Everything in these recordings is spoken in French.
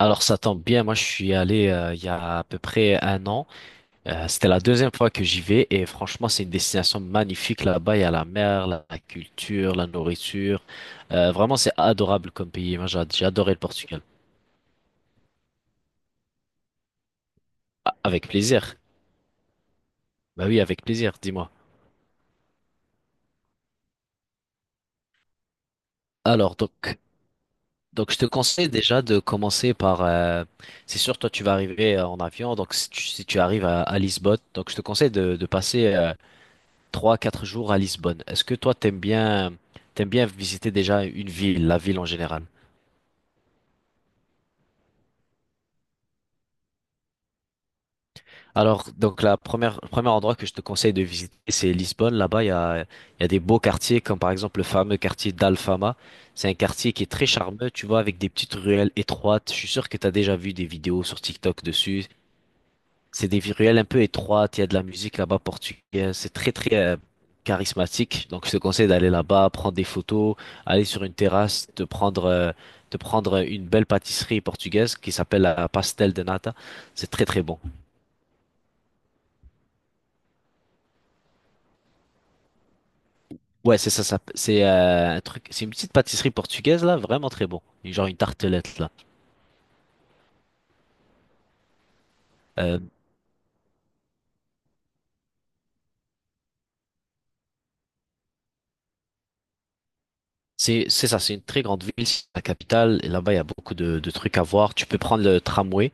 Alors ça tombe bien, moi je suis allé il y a à peu près un an. C'était la deuxième fois que j'y vais et franchement c'est une destination magnifique là-bas. Il y a la mer, la culture, la nourriture. Vraiment, c'est adorable comme pays. Moi, j'ai adoré le Portugal. Ah, avec plaisir. Bah oui, avec plaisir, dis-moi. Alors donc je te conseille déjà de commencer par. C'est sûr, toi tu vas arriver en avion. Donc si tu arrives à Lisbonne, donc je te conseille de passer 3, 4 jours à Lisbonne. Est-ce que toi, t'aimes bien visiter déjà une ville, la ville en général? Alors, donc, le premier endroit que je te conseille de visiter, c'est Lisbonne. Là-bas, il y a des beaux quartiers, comme par exemple le fameux quartier d'Alfama. C'est un quartier qui est très charmeux, tu vois, avec des petites ruelles étroites. Je suis sûr que tu as déjà vu des vidéos sur TikTok dessus. C'est des ruelles un peu étroites, il y a de la musique là-bas portugaise, c'est très très charismatique. Donc je te conseille d'aller là-bas, prendre des photos, aller sur une terrasse, de prendre une belle pâtisserie portugaise qui s'appelle la pastel de nata. C'est très très bon. Ouais, c'est ça. Ça c'est un truc, c'est une petite pâtisserie portugaise là, vraiment très bon. Genre, une tartelette là. Euh, c'est ça, c'est une très grande ville, c'est la capitale, et là-bas il y a beaucoup de trucs à voir. Tu peux prendre le tramway,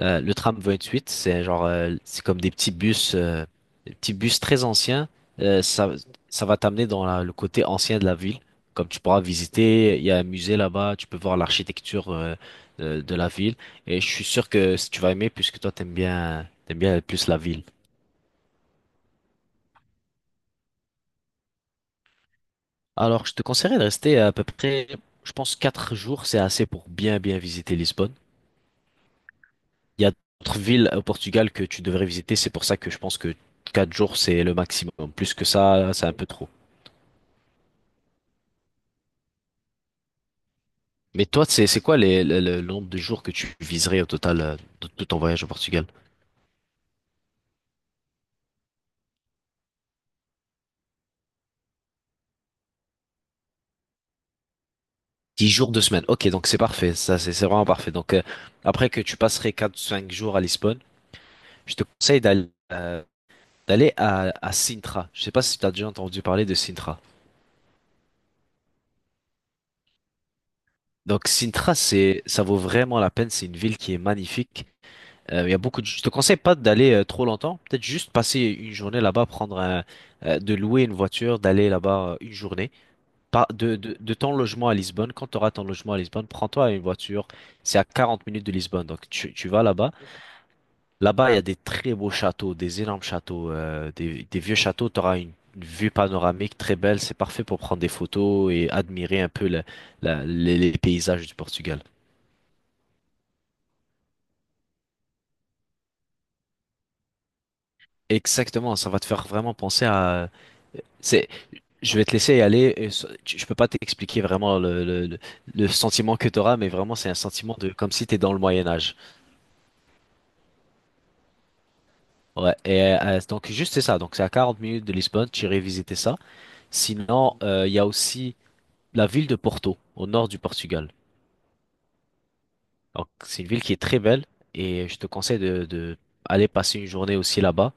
le tram 28. C'est genre, c'est comme des petits bus très anciens. Euh, ça ça va t'amener dans le côté ancien de la ville, comme tu pourras visiter. Il y a un musée là-bas, tu peux voir l'architecture de la ville, et je suis sûr que si tu vas aimer, puisque toi t'aimes bien plus la ville. Alors je te conseillerais de rester à peu près, je pense, 4 jours. C'est assez pour bien bien visiter Lisbonne. Il y a d'autres villes au Portugal que tu devrais visiter, c'est pour ça que je pense que 4 jours, c'est le maximum. Plus que ça, c'est un peu trop. Mais toi, c'est quoi le nombre de jours que tu viserais au total de tout ton voyage au Portugal? 10 jours, 2 semaines. Ok, donc c'est parfait. Ça, c'est vraiment parfait. Donc, après que tu passerais 4-5 jours à Lisbonne, je te conseille d'aller à Sintra. Je sais pas si tu as déjà entendu parler de Sintra. Donc, Sintra, ça vaut vraiment la peine. C'est une ville qui est magnifique. Il y a beaucoup de… Je te conseille pas d'aller trop longtemps. Peut-être juste passer une journée là-bas, de louer une voiture, d'aller là-bas une journée. Pas de ton logement à Lisbonne. Quand tu auras ton logement à Lisbonne, prends-toi une voiture. C'est à 40 minutes de Lisbonne. Donc tu vas là-bas. Là-bas, il y a des très beaux châteaux, des énormes châteaux, des vieux châteaux. Tu auras une vue panoramique très belle. C'est parfait pour prendre des photos et admirer un peu les paysages du Portugal. Exactement, ça va te faire vraiment penser à… c'est Je vais te laisser aller. Je peux pas t'expliquer vraiment le sentiment que tu auras, mais vraiment, c'est un sentiment de comme si tu es dans le Moyen Âge. Ouais. Donc, juste c'est ça. Donc, c'est à 40 minutes de Lisbonne. Tu irais visiter ça. Sinon, il y a aussi la ville de Porto, au nord du Portugal. Donc, c'est une ville qui est très belle et je te conseille de aller passer une journée aussi là-bas.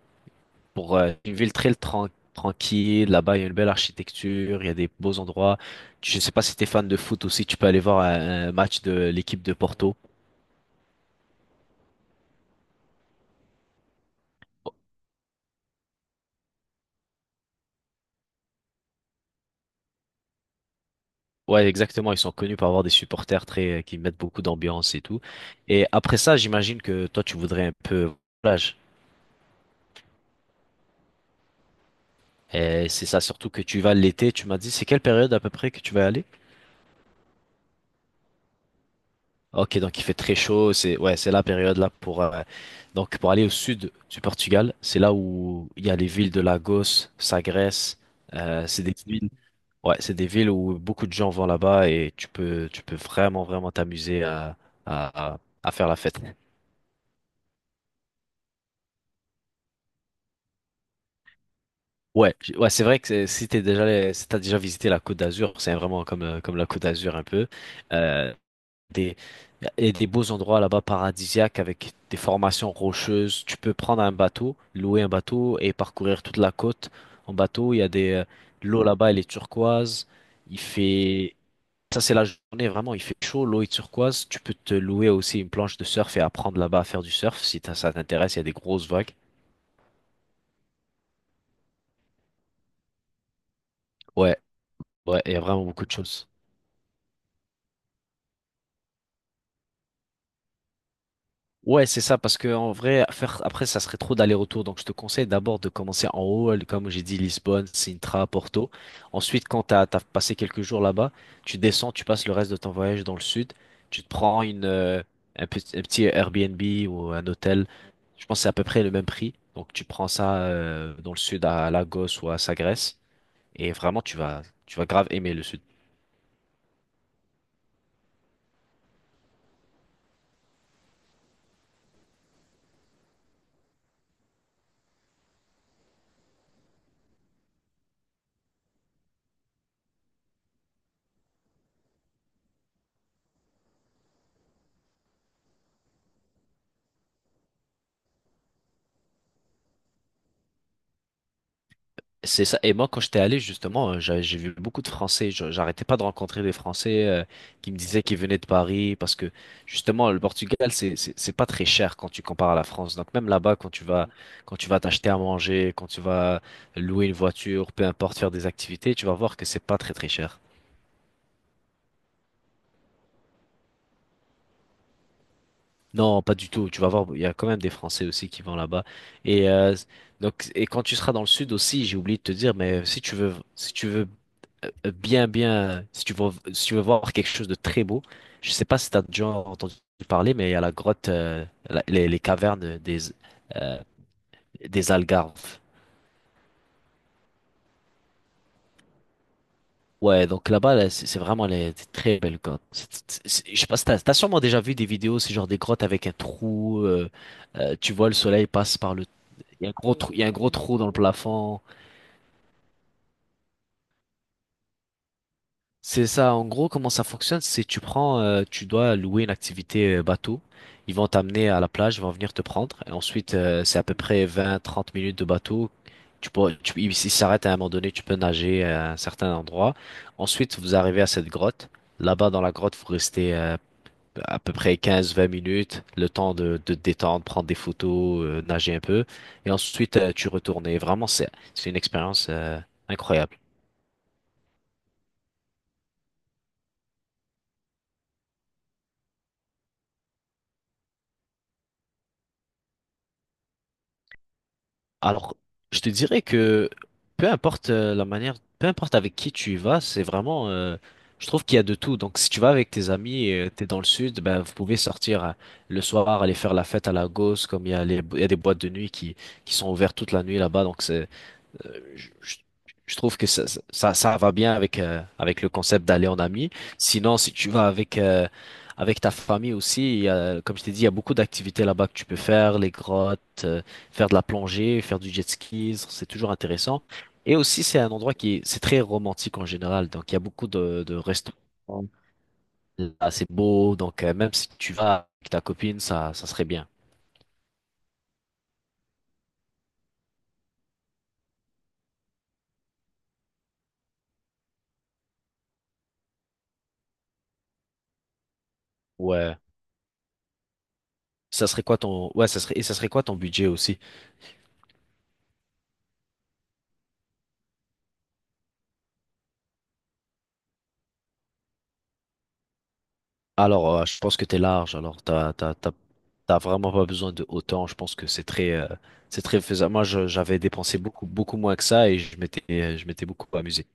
Pour Une ville très tranquille. Là-bas, il y a une belle architecture, il y a des beaux endroits. Je sais pas si t'es fan de foot aussi, tu peux aller voir un match de l'équipe de Porto. Ouais, exactement. Ils sont connus pour avoir des supporters très qui mettent beaucoup d'ambiance et tout. Et après ça, j'imagine que toi, tu voudrais un peu plage. Et c'est ça surtout que tu vas l'été. Tu m'as dit, c'est quelle période à peu près que tu vas y aller? Ok, donc il fait très chaud. C'est, ouais, c'est la période là pour donc pour aller au sud du Portugal. C'est là où il y a les villes de Lagos, Sagres. C'est des villes. Ouais, c'est des villes où beaucoup de gens vont là-bas et tu peux vraiment vraiment t'amuser à faire la fête. Ouais, c'est vrai que si t'as déjà visité la Côte d'Azur, c'est vraiment comme la Côte d'Azur un peu. Euh, des, il y a des beaux endroits là-bas paradisiaques avec des formations rocheuses. Tu peux prendre un bateau, louer un bateau et parcourir toute la côte en bateau. Il y a des, L'eau là-bas, elle est turquoise. Il fait, Ça c'est la journée vraiment, il fait chaud, l'eau est turquoise. Tu peux te louer aussi une planche de surf et apprendre là-bas à faire du surf si t'as- ça t'intéresse. Il y a des grosses vagues. Ouais, ouais, il y a vraiment beaucoup de choses. Ouais, c'est ça, parce que en vrai, faire après, ça serait trop d'aller-retour. Donc, je te conseille d'abord de commencer en haut, comme j'ai dit, Lisbonne, Sintra, Porto. Ensuite, quand t'as passé quelques jours là-bas, tu descends, tu passes le reste de ton voyage dans le sud. Tu te prends un petit Airbnb ou un hôtel. Je pense que c'est à peu près le même prix. Donc, tu prends ça, dans le sud à Lagos ou à Sagres. Et vraiment, tu vas grave aimer le sud. C'est ça. Et moi, quand j'étais allé, justement, j'ai vu beaucoup de Français. J'arrêtais pas de rencontrer des Français qui me disaient qu'ils venaient de Paris parce que, justement, le Portugal, c'est pas très cher quand tu compares à la France. Donc même là-bas, quand tu vas t'acheter à manger, quand tu vas louer une voiture, peu importe, faire des activités, tu vas voir que c'est pas très très cher. Non, pas du tout. Tu vas voir, il y a quand même des Français aussi qui vont là-bas. Et euh, donc, et quand tu seras dans le sud aussi, j'ai oublié de te dire, mais si tu veux si tu veux voir quelque chose de très beau, je sais pas si tu as déjà entendu parler, mais il y a la grotte, les cavernes euh, des Algarves. Ouais, donc là-bas, là, c'est vraiment des très belles grottes. Je sais pas si t'as sûrement déjà vu des vidéos, c'est genre des grottes avec un trou, tu vois le soleil passe par le. Il y a un gros trou, il y a un gros trou dans le plafond. C'est ça, en gros, comment ça fonctionne, c'est tu dois louer une activité bateau. Ils vont t'amener à la plage, ils vont venir te prendre. Et ensuite, c'est à peu près 20-30 minutes de bateau. Ils s'arrêtent à un moment donné, tu peux nager à un certain endroit. Ensuite, vous arrivez à cette grotte. Là-bas, dans la grotte, vous restez à peu près 15-20 minutes, le temps de te détendre, prendre des photos, nager un peu. Et ensuite, tu retournes. Et vraiment, c'est une expérience incroyable. Alors, je te dirais que peu importe la manière, peu importe avec qui tu y vas, c'est vraiment, je trouve qu'il y a de tout. Donc, si tu vas avec tes amis, t'es dans le sud, ben vous pouvez sortir le soir, aller faire la fête à Lagos, comme il y a des boîtes de nuit qui sont ouvertes toute la nuit là-bas. Donc, c'est euh, je, je- je trouve que ça va bien avec le concept d'aller en ami. Sinon, si tu vas avec ta famille aussi, comme je t'ai dit, il y a beaucoup d'activités là-bas que tu peux faire, les grottes, faire de la plongée, faire du jet ski, c'est toujours intéressant. Et aussi, c'est un endroit c'est très romantique en général, donc il y a beaucoup de restaurants, là, c'est beau, donc même si tu vas avec ta copine, ça serait bien. Ouais. Ça serait quoi ton, Ouais, ça serait quoi ton budget aussi? Alors, je pense que t'es large. Alors t'as vraiment pas besoin de autant. Je pense que c'est très faisable. Moi, j'avais dépensé beaucoup, beaucoup moins que ça et je m'étais beaucoup amusé.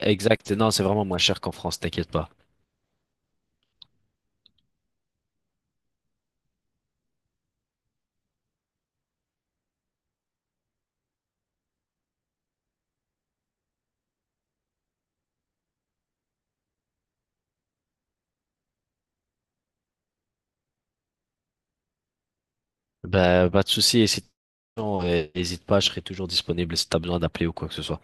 Exact. Non, c'est vraiment moins cher qu'en France, t'inquiète pas. Bah, pas de souci. Et si, Non, hésite pas, je serai toujours disponible si t'as besoin d'appeler ou quoi que ce soit.